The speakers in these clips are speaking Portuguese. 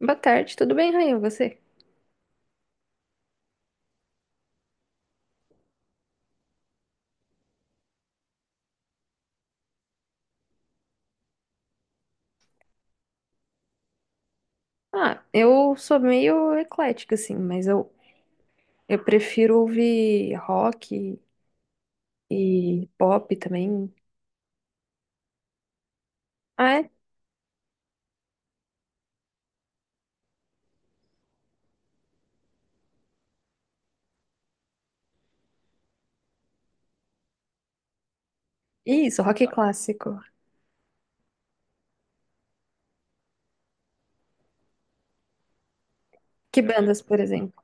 Boa tarde, tudo bem, Rainha? Você? Ah, eu sou meio eclética, assim, mas eu prefiro ouvir rock e pop também. Ah, é? Isso, rock clássico. Que bandas, por exemplo?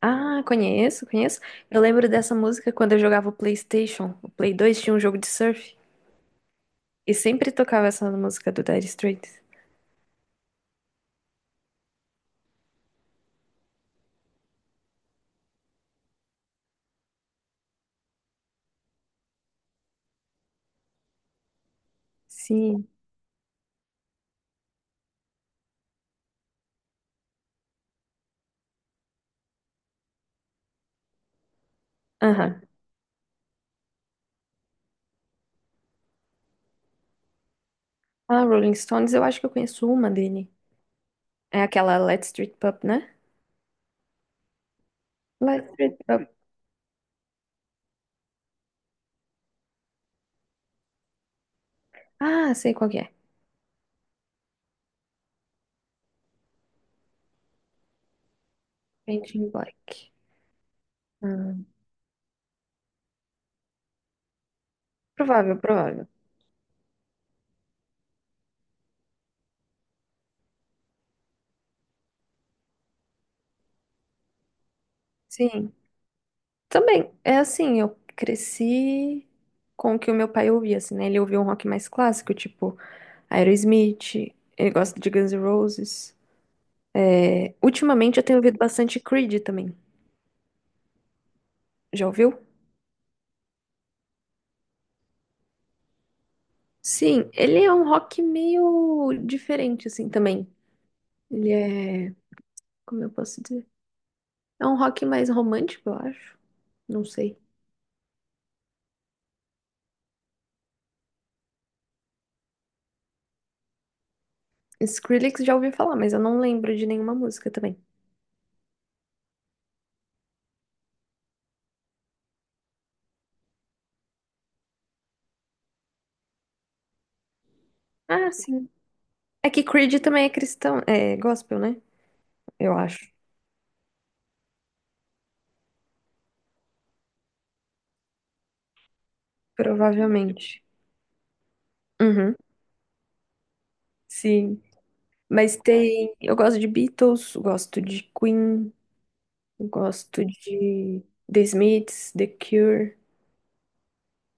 Ah, conheço, conheço. Eu lembro dessa música quando eu jogava o PlayStation. O Play 2 tinha um jogo de surf. E sempre tocava essa música do Dire Straits. Sim. Aham. Ah, Rolling Stones, eu acho que eu conheço uma dele. É aquela Let's Street Pub, né? Let's Street Pub. Ah, sei qual que é. Painting Black. Ah, provável, provável. Sim. Também, é assim, eu cresci com o que o meu pai ouvia, assim, né? Ele ouvia um rock mais clássico, tipo Aerosmith, ele gosta de Guns N' Roses. É, ultimamente eu tenho ouvido bastante Creed também. Já ouviu? Sim, ele é um rock meio diferente, assim, também. Ele é. Como eu posso dizer? É um rock mais romântico, eu acho. Não sei. Skrillex já ouvi falar, mas eu não lembro de nenhuma música também. Ah, sim. É que Creed também é cristão, é gospel, né? Eu acho. Provavelmente. Uhum, sim. Mas tem. Eu gosto de Beatles, eu gosto de Queen, eu gosto de The Smiths, The Cure.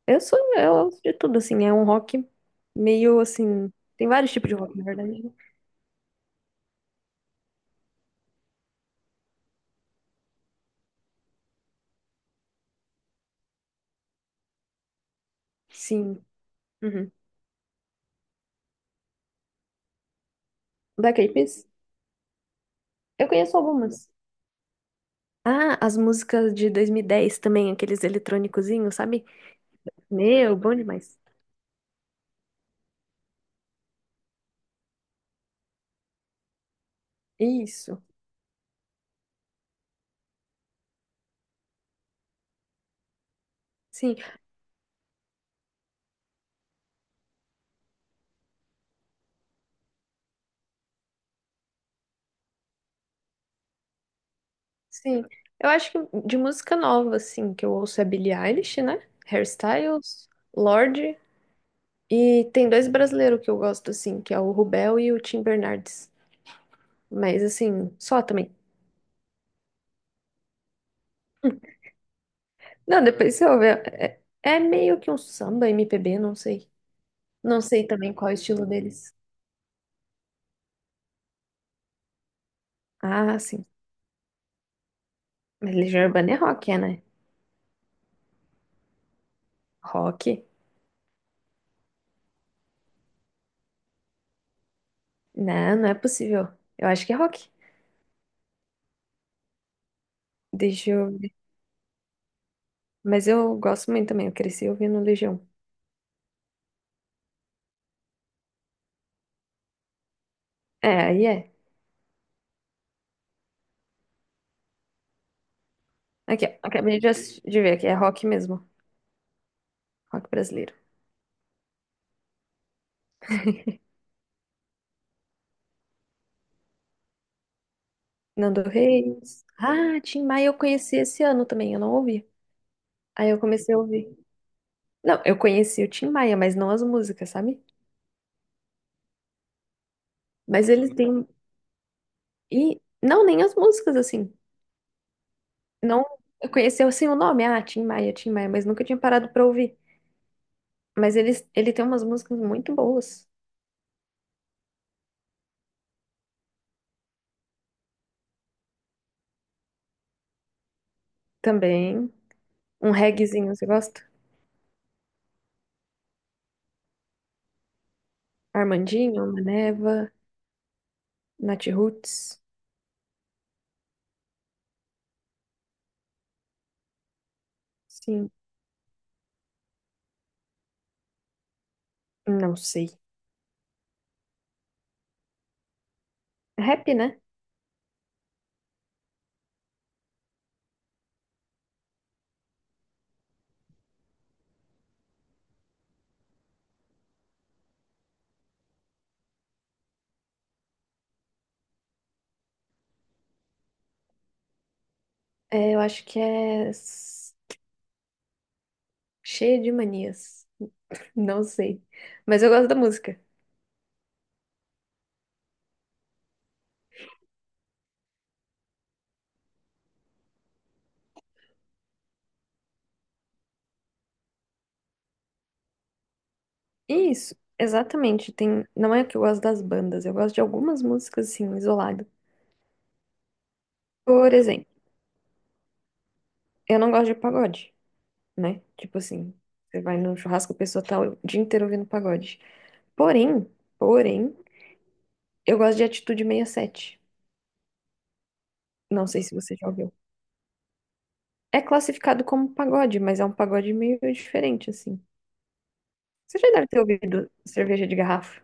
Eu gosto de tudo, assim. É um rock meio assim. Tem vários tipos de rock, na verdade, né? Sim. Uhum. Black Eyed Peas? Eu conheço algumas. Ah, as músicas de 2010 também, aqueles eletrônicozinhos, sabe? Meu, bom demais. Isso. Sim, Sim, eu acho que de música nova, assim, que eu ouço é Billie Eilish, né? Hairstyles, Lorde. E tem dois brasileiros que eu gosto, assim, que é o Rubel e o Tim Bernardes. Mas, assim, só também. Não, depois você ouve. É, é meio que um samba, MPB, não sei. Não sei também qual é o estilo deles. Ah, sim. Mas Legião Urbana é rock, é, né? Rock? Não, não é possível. Eu acho que é rock. Deixa eu ver. Mas eu gosto muito também, eu cresci ouvindo Legião. É, aí é. Aqui, ó. Acabei de, de ver aqui. É rock mesmo. Rock brasileiro. Nando Reis. Ah, Tim Maia eu conheci esse ano também. Eu não ouvi. Aí eu comecei a ouvir. Não, eu conheci o Tim Maia, mas não as músicas, sabe? Mas eles têm. E não, nem as músicas, assim. Não. Eu conheci assim o nome. Ah, Tim Maia, mas nunca tinha parado pra ouvir. Mas ele tem umas músicas muito boas também. Um reggaezinho, você gosta? Armandinho, Maneva, Nath Roots. Sim, não sei. Rap, né? É, eu acho que é cheia de manias. Não sei. Mas eu gosto da música. Isso, exatamente. Tem... Não é que eu gosto das bandas, eu gosto de algumas músicas, assim, isolado. Por exemplo, eu não gosto de pagode, né? Tipo assim, você vai no churrasco, a pessoa tá o dia inteiro ouvindo pagode. Porém, porém, eu gosto de Atitude 67. Não sei se você já ouviu. É classificado como pagode, mas é um pagode meio diferente, assim. Você já deve ter ouvido cerveja de garrafa.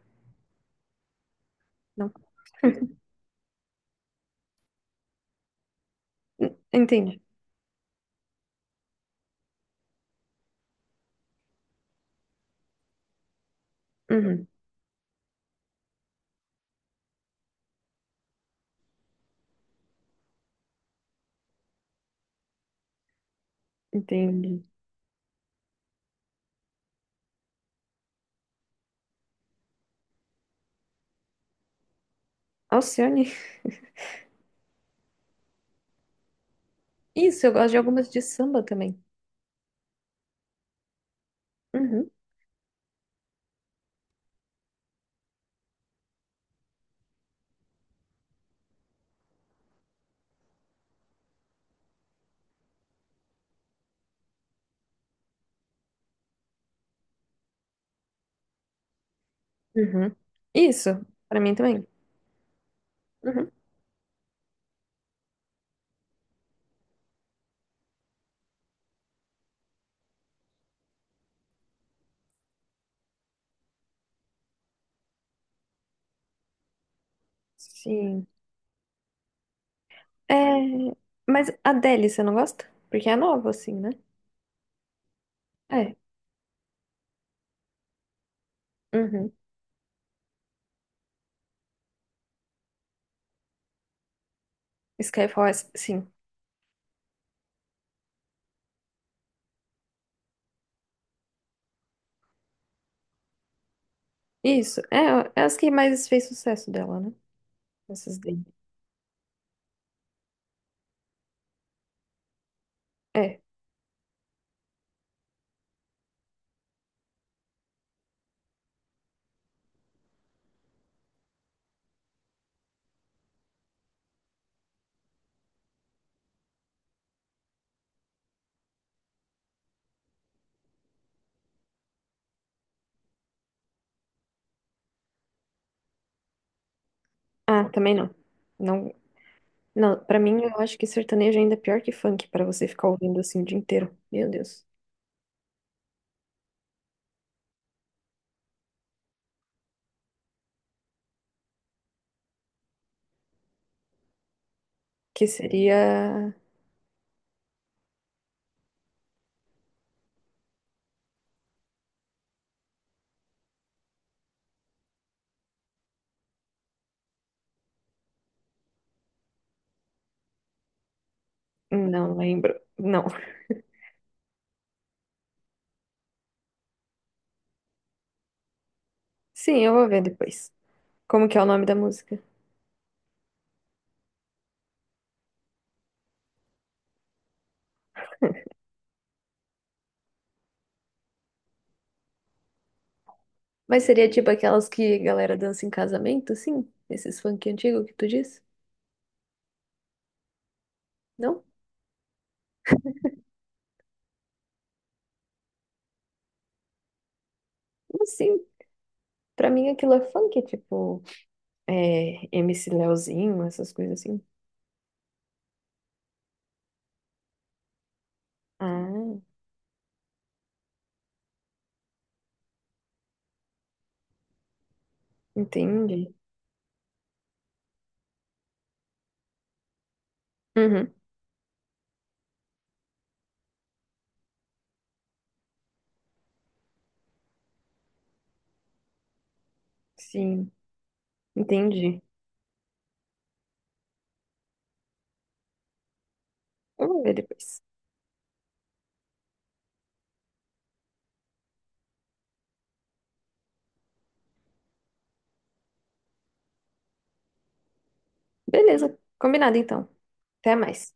Não. Entende? Uhum, entendi. Alcione. Isso, eu gosto de algumas de samba também. Uhum, uhum. Isso, pra mim também. Uhum. Sim. É, mas a Adele, você não gosta? Porque é nova, assim, né? É. Uhum. Skyfall, sim. Isso, é, é as que mais fez sucesso dela, né? Essas daí. É. Ah, também não. Não, não, pra mim, eu acho que sertanejo ainda é pior que funk, pra você ficar ouvindo assim o dia inteiro. Meu Deus. Que seria... Não lembro. Não. Sim, eu vou ver depois. Como que é o nome da música? Mas seria tipo aquelas que a galera dança em casamento, sim? Esses funk antigo que tu disse? Não? Como assim? Pra mim aquilo é funk, tipo, é, MC Leozinho, essas coisas assim. Ah, entendi. Uhum, sim, entendi. Eu vou ver depois. Beleza, combinado então. Até mais.